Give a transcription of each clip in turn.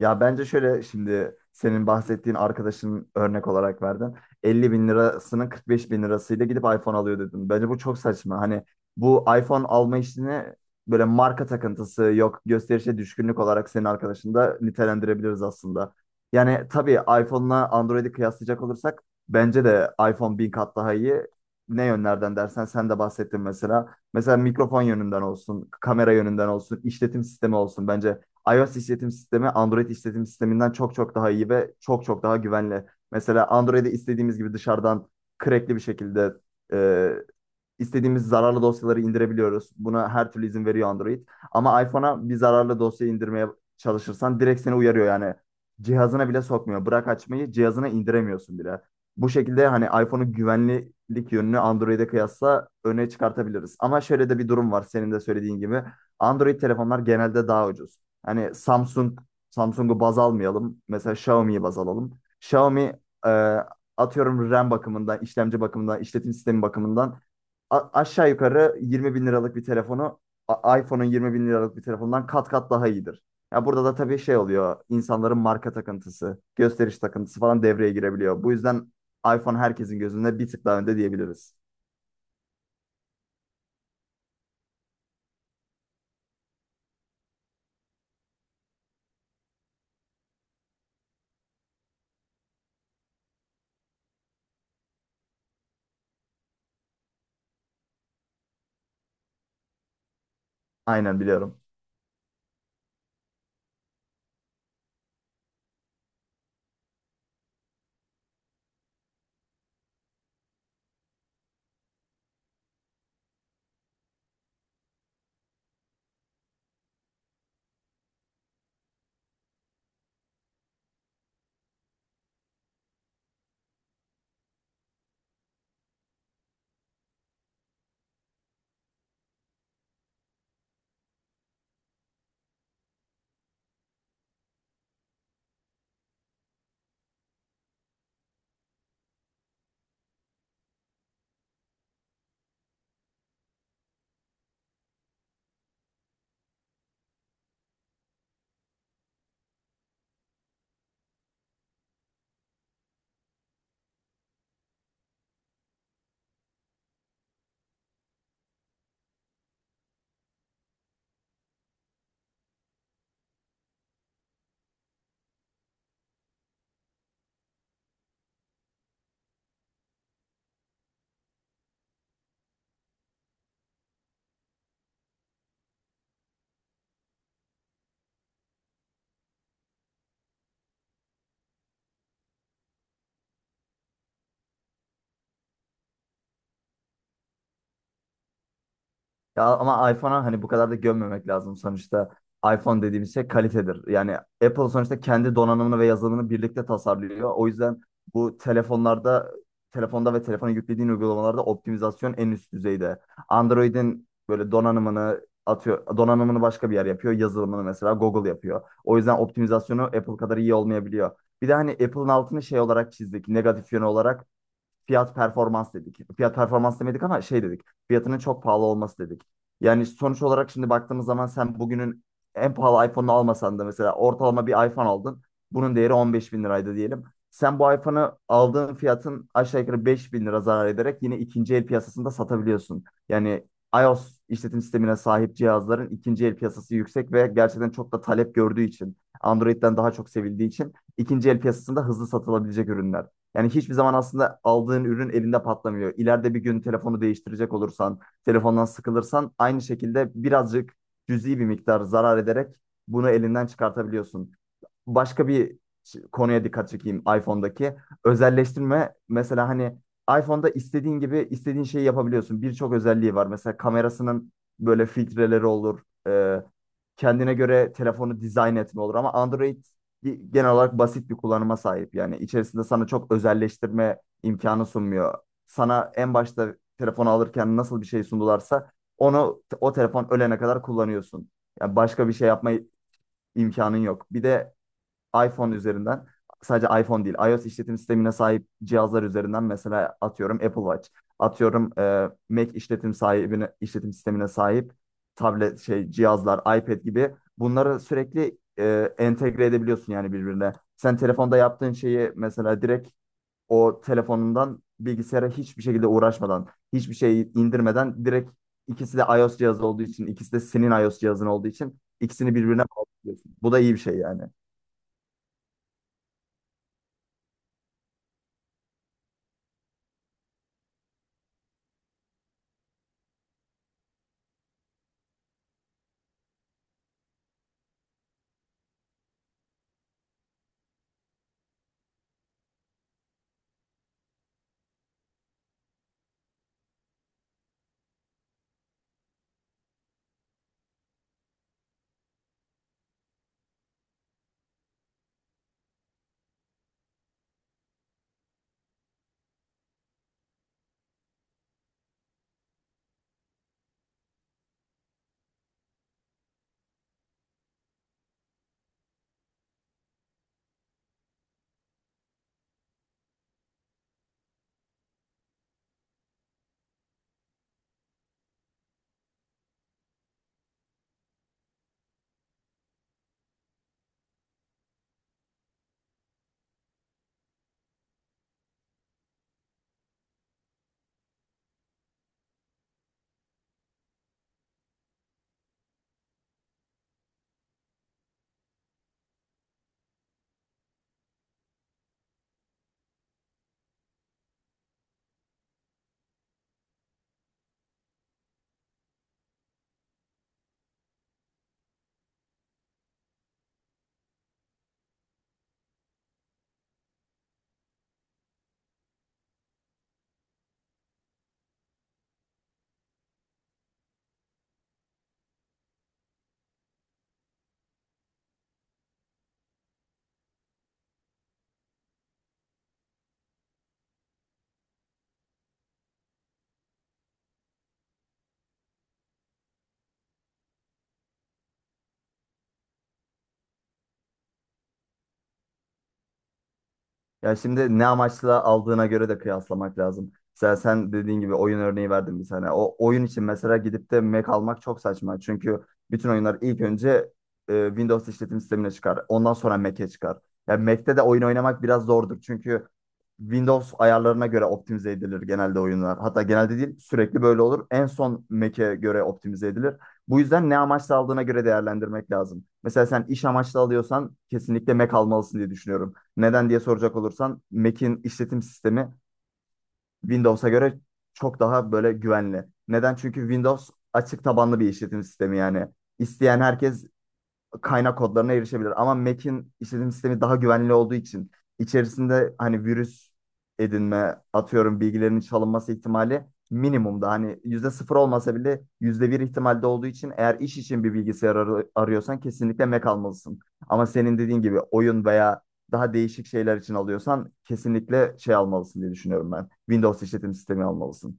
Ya bence şöyle, şimdi senin bahsettiğin arkadaşın, örnek olarak verdin. 50 bin lirasının 45 bin lirasıyla gidip iPhone alıyor dedim. Bence bu çok saçma. Hani bu iPhone alma işini, böyle marka takıntısı yok, gösterişe düşkünlük olarak senin arkadaşını da nitelendirebiliriz aslında. Yani tabii iPhone'la Android'i kıyaslayacak olursak bence de iPhone bin kat daha iyi. Ne yönlerden dersen, sen de bahsettin mesela. Mesela mikrofon yönünden olsun, kamera yönünden olsun, işletim sistemi olsun. Bence iOS işletim sistemi Android işletim sisteminden çok çok daha iyi ve çok çok daha güvenli. Mesela Android'i istediğimiz gibi dışarıdan crackli bir şekilde e, İstediğimiz zararlı dosyaları indirebiliyoruz. Buna her türlü izin veriyor Android. Ama iPhone'a bir zararlı dosya indirmeye çalışırsan direkt seni uyarıyor yani. Cihazına bile sokmuyor. Bırak açmayı, cihazına indiremiyorsun bile. Bu şekilde hani iPhone'un güvenlik yönünü Android'e kıyasla öne çıkartabiliriz. Ama şöyle de bir durum var, senin de söylediğin gibi. Android telefonlar genelde daha ucuz. Hani Samsung'u baz almayalım. Mesela Xiaomi'yi baz alalım. Xiaomi, e, atıyorum RAM bakımından, işlemci bakımından, işletim sistemi bakımından aşağı yukarı 20 bin liralık bir telefonu iPhone'un 20 bin liralık bir telefondan kat kat daha iyidir. Ya burada da tabii şey oluyor. İnsanların marka takıntısı, gösteriş takıntısı falan devreye girebiliyor. Bu yüzden iPhone herkesin gözünde bir tık daha önde diyebiliriz. Aynen, biliyorum. Ya ama iPhone'a hani bu kadar da gömmemek lazım sonuçta. iPhone dediğimiz şey kalitedir. Yani Apple sonuçta kendi donanımını ve yazılımını birlikte tasarlıyor. O yüzden bu telefonlarda, telefonda ve telefona yüklediğin uygulamalarda optimizasyon en üst düzeyde. Android'in böyle donanımını atıyor, donanımını başka bir yer yapıyor. Yazılımını mesela Google yapıyor. O yüzden optimizasyonu Apple kadar iyi olmayabiliyor. Bir de hani Apple'ın altını şey olarak çizdik, negatif yönü olarak fiyat performans dedik. Fiyat performans demedik ama şey dedik. Fiyatının çok pahalı olması dedik. Yani sonuç olarak şimdi baktığımız zaman, sen bugünün en pahalı iPhone'unu almasan da mesela ortalama bir iPhone aldın. Bunun değeri 15 bin liraydı diyelim. Sen bu iPhone'u aldığın fiyatın aşağı yukarı 5 bin lira zarar ederek yine ikinci el piyasasında satabiliyorsun. Yani iOS işletim sistemine sahip cihazların ikinci el piyasası yüksek ve gerçekten çok da talep gördüğü için, Android'den daha çok sevildiği için ikinci el piyasasında hızlı satılabilecek ürünler. Yani hiçbir zaman aslında aldığın ürün elinde patlamıyor. İleride bir gün telefonu değiştirecek olursan, telefondan sıkılırsan aynı şekilde birazcık cüzi bir miktar zarar ederek bunu elinden çıkartabiliyorsun. Başka bir konuya dikkat çekeyim, iPhone'daki. Özelleştirme mesela, hani iPhone'da istediğin gibi istediğin şeyi yapabiliyorsun. Birçok özelliği var. Mesela kamerasının böyle filtreleri olur. Ee, Kendine göre telefonu dizayn etme olur. Ama Android genel olarak basit bir kullanıma sahip. Yani içerisinde sana çok özelleştirme imkanı sunmuyor. Sana en başta telefonu alırken nasıl bir şey sundularsa onu o telefon ölene kadar kullanıyorsun. Yani başka bir şey yapma imkanın yok. Bir de iPhone üzerinden, sadece iPhone değil, iOS işletim sistemine sahip cihazlar üzerinden mesela atıyorum Apple Watch, atıyorum Mac işletim sahibine işletim sistemine sahip tablet şey cihazlar, iPad gibi, bunları sürekli entegre edebiliyorsun yani birbirine. Sen telefonda yaptığın şeyi mesela direkt o telefonundan bilgisayara hiçbir şekilde uğraşmadan, hiçbir şey indirmeden direkt, ikisi de iOS cihazı olduğu için, ikisi de senin iOS cihazın olduğu için ikisini birbirine bağlıyorsun. Bu da iyi bir şey yani. Ya şimdi ne amaçla aldığına göre de kıyaslamak lazım. Mesela sen dediğin gibi oyun örneği verdim bir tane. O oyun için mesela gidip de Mac almak çok saçma. Çünkü bütün oyunlar ilk önce Windows işletim sistemine çıkar. Ondan sonra Mac'e çıkar. Yani Mac'te de oyun oynamak biraz zordur. Çünkü Windows ayarlarına göre optimize edilir genelde oyunlar. Hatta genelde değil, sürekli böyle olur. En son Mac'e göre optimize edilir. Bu yüzden ne amaçla aldığına göre değerlendirmek lazım. Mesela sen iş amaçlı alıyorsan kesinlikle Mac almalısın diye düşünüyorum. Neden diye soracak olursan, Mac'in işletim sistemi Windows'a göre çok daha böyle güvenli. Neden? Çünkü Windows açık tabanlı bir işletim sistemi yani. İsteyen herkes kaynak kodlarına erişebilir. Ama Mac'in işletim sistemi daha güvenli olduğu için içerisinde hani virüs edinme, atıyorum bilgilerinin çalınması ihtimali minimumda. Hani yüzde sıfır olmasa bile yüzde bir ihtimalde olduğu için eğer iş için bir bilgisayar arıyorsan kesinlikle Mac almalısın. Ama senin dediğin gibi oyun veya daha değişik şeyler için alıyorsan kesinlikle şey almalısın diye düşünüyorum ben. Windows işletim sistemi almalısın.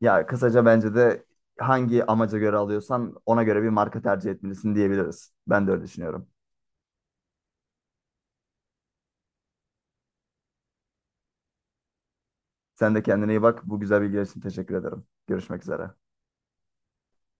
Ya kısaca bence de hangi amaca göre alıyorsan ona göre bir marka tercih etmelisin diyebiliriz. Ben de öyle düşünüyorum. Sen de kendine iyi bak. Bu güzel bilgiler için teşekkür ederim. Görüşmek üzere.